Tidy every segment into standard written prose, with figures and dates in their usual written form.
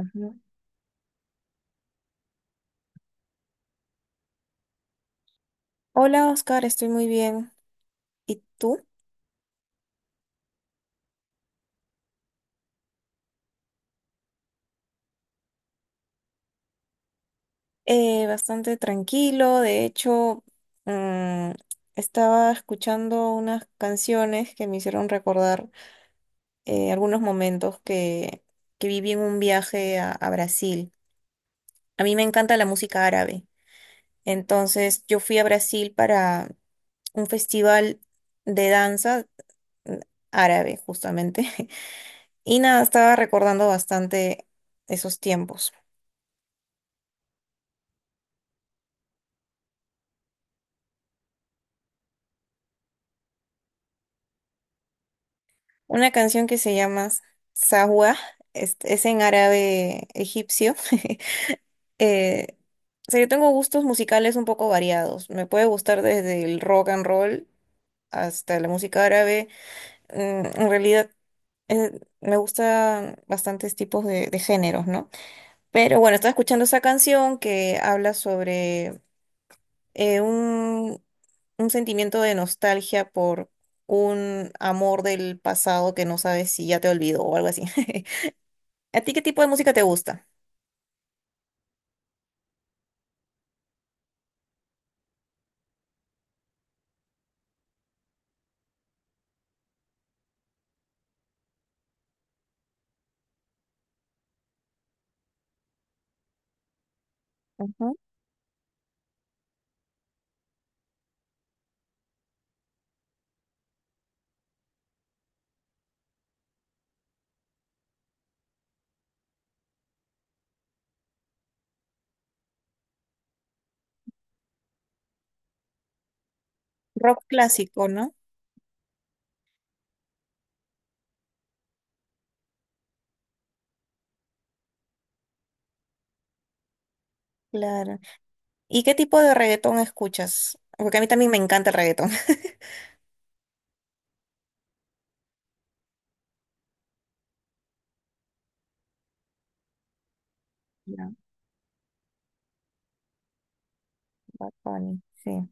Ujú. Hola Oscar, estoy muy bien. ¿Y tú? Bastante tranquilo. De hecho, mm, estaba escuchando unas canciones que me hicieron recordar algunos momentos que viví en un viaje a Brasil. A mí me encanta la música árabe. Entonces, yo fui a Brasil para un festival de danza mm, árabe, justamente. Y nada, estaba recordando bastante esos tiempos. Una canción que se llama Sahwa, es en árabe egipcio. Eh, o sea, yo tengo gustos musicales un poco variados. Me puede gustar desde el rock and roll hasta la música árabe. En realidad, me gustan bastantes tipos de géneros, ¿no? Pero bueno, estaba escuchando esa canción que habla sobre eh, un, un sentimiento de nostalgia por un amor del pasado que no sabes si ya te olvidó o algo así. ¿A ti qué tipo de música te gusta? Ujú. Rock clásico, ¿no? Claro. ¿Y qué tipo de reggaetón escuchas? Porque a mí también me encanta el reggaetón. Ya, Bad Bunny, sí.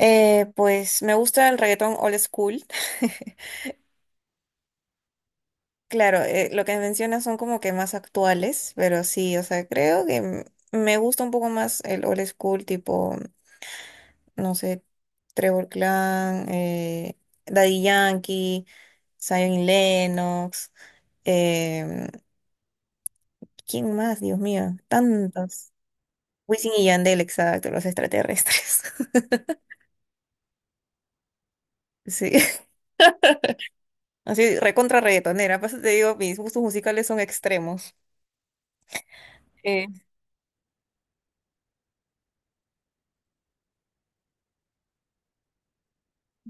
Pues me gusta el reggaetón old school. Claro, lo que mencionas son como que más actuales, pero sí, o sea, creo que me gusta un poco más el old school tipo no sé, Trevor Clan, Daddy Yankee, Zion y Lennox, em, ¿quién más? Dios mío, tantos. Wisin y Yandel, exacto, los extraterrestres. Sí, así recontra reggaetonera. Por eso te digo, mis gustos musicales son extremos. Eh,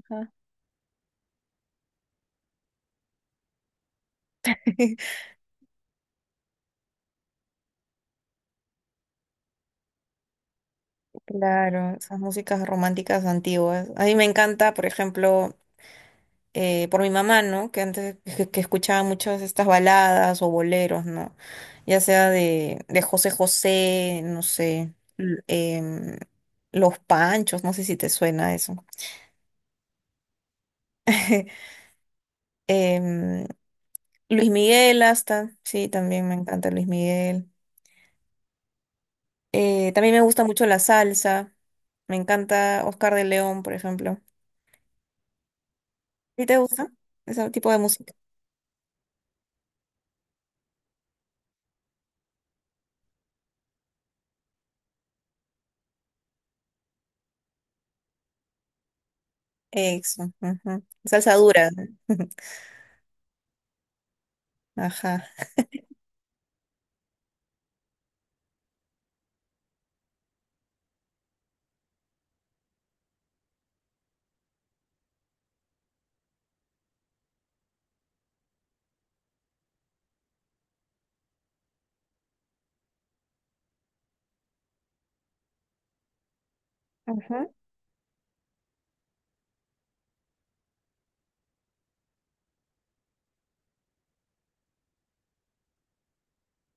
ajá. Claro, esas músicas románticas antiguas. A mí me encanta, por ejemplo, por mi mamá, ¿no? Que antes que escuchaba muchas de estas baladas o boleros, ¿no? Ya sea de José José, no sé, l- em, Los Panchos, no sé si te suena eso. Em, Luis Miguel hasta, sí, también me encanta Luis Miguel. También me gusta mucho la salsa, me encanta Oscar de León, por ejemplo. ¿Sí te gusta ese tipo de música? Eso, ujú. Salsa dura. Ajá.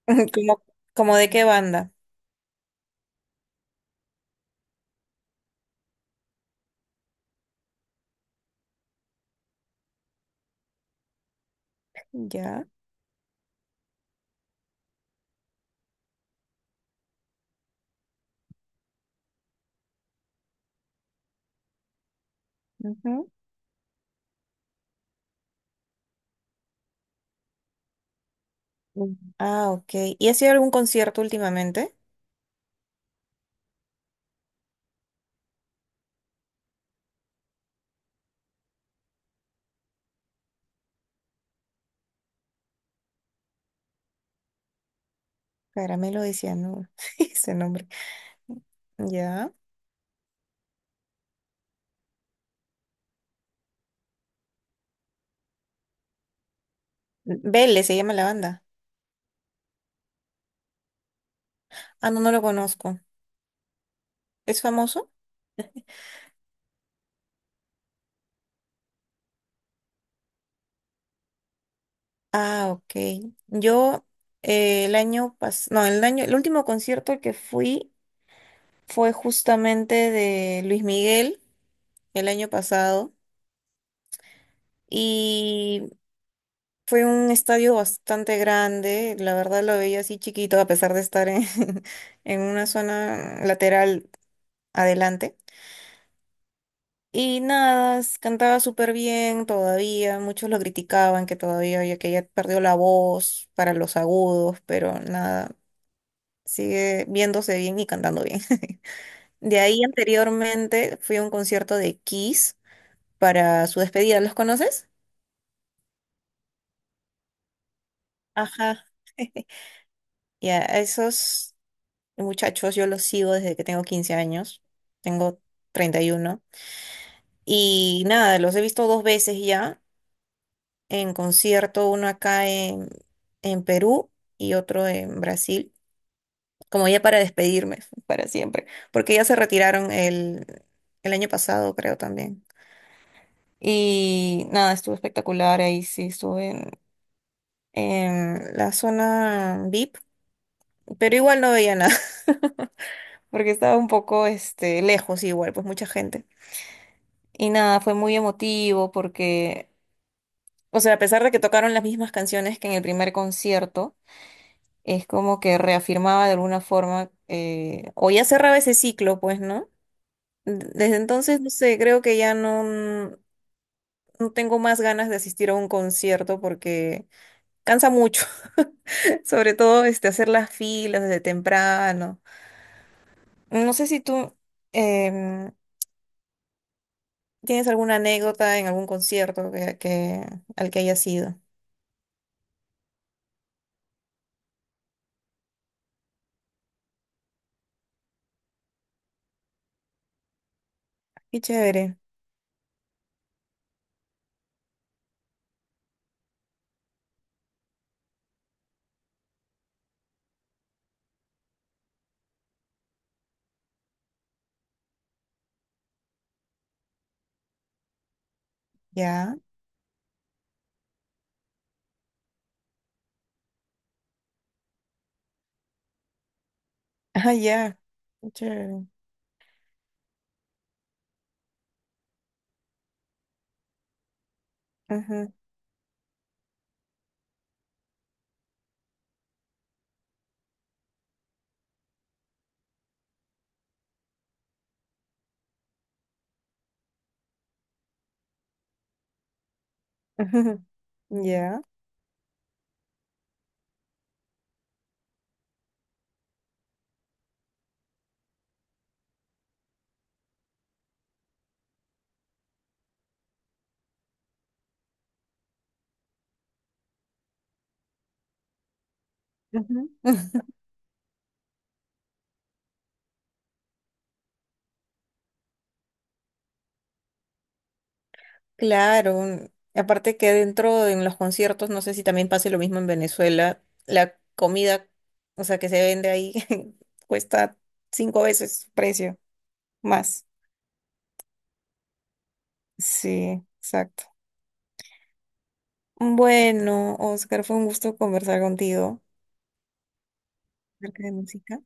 ¿Como, como de qué banda? Ya. Ujú. Mm. Ah, ok. ¿Y ha sido algún concierto últimamente? Caramelo de Cianuro. Ese nombre. Ya. Vélez se llama la banda. Ah, no, no lo conozco. ¿Es famoso? Ah, ok. Yo el año pasado, no, el último concierto al que fui fue justamente de Luis Miguel el año pasado. Y fue un estadio bastante grande, la verdad lo veía así chiquito a pesar de estar en, en una zona lateral adelante. Y nada, cantaba súper bien todavía, muchos lo criticaban que todavía ya que ya perdió la voz para los agudos, pero nada, sigue viéndose bien y cantando bien. De ahí anteriormente fui a un concierto de Kiss para su despedida, ¿los conoces? Ajá. Ya, esos. Muchachos, yo los sigo desde que tengo 15 años, tengo 31 y nada, los he visto dos veces ya en concierto, uno acá en Perú y otro en Brasil, como ya para despedirme para siempre, porque ya se retiraron el año pasado, creo también. Y nada, estuvo espectacular, ahí sí estuve en la zona VIP, pero igual no veía nada, porque estaba un poco este, lejos igual, pues mucha gente. Y nada, fue muy emotivo porque, o sea, a pesar de que tocaron las mismas canciones que en el primer concierto, es como que reafirmaba de alguna forma, o ya cerraba ese ciclo, pues, ¿no? Desde entonces, no sé, creo que ya no, no tengo más ganas de asistir a un concierto porque cansa mucho, sobre todo este, hacer las filas desde temprano. No sé si tú em, tienes alguna anécdota en algún concierto al que hayas ido. Qué chévere. Ya. Ah, ya. Chévere. Ajá. Ajá. Ya. Ujú. Claro, aparte que en los conciertos, no sé si también pase lo mismo en Venezuela, la comida, o sea, que se vende ahí, cuesta cinco veces su precio más. Sí, exacto. Bueno, Oscar, fue un gusto conversar contigo acerca de música.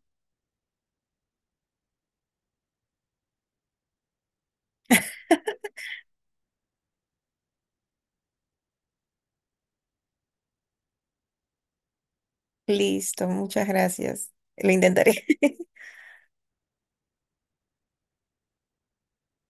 Listo, muchas gracias. Lo intentaré.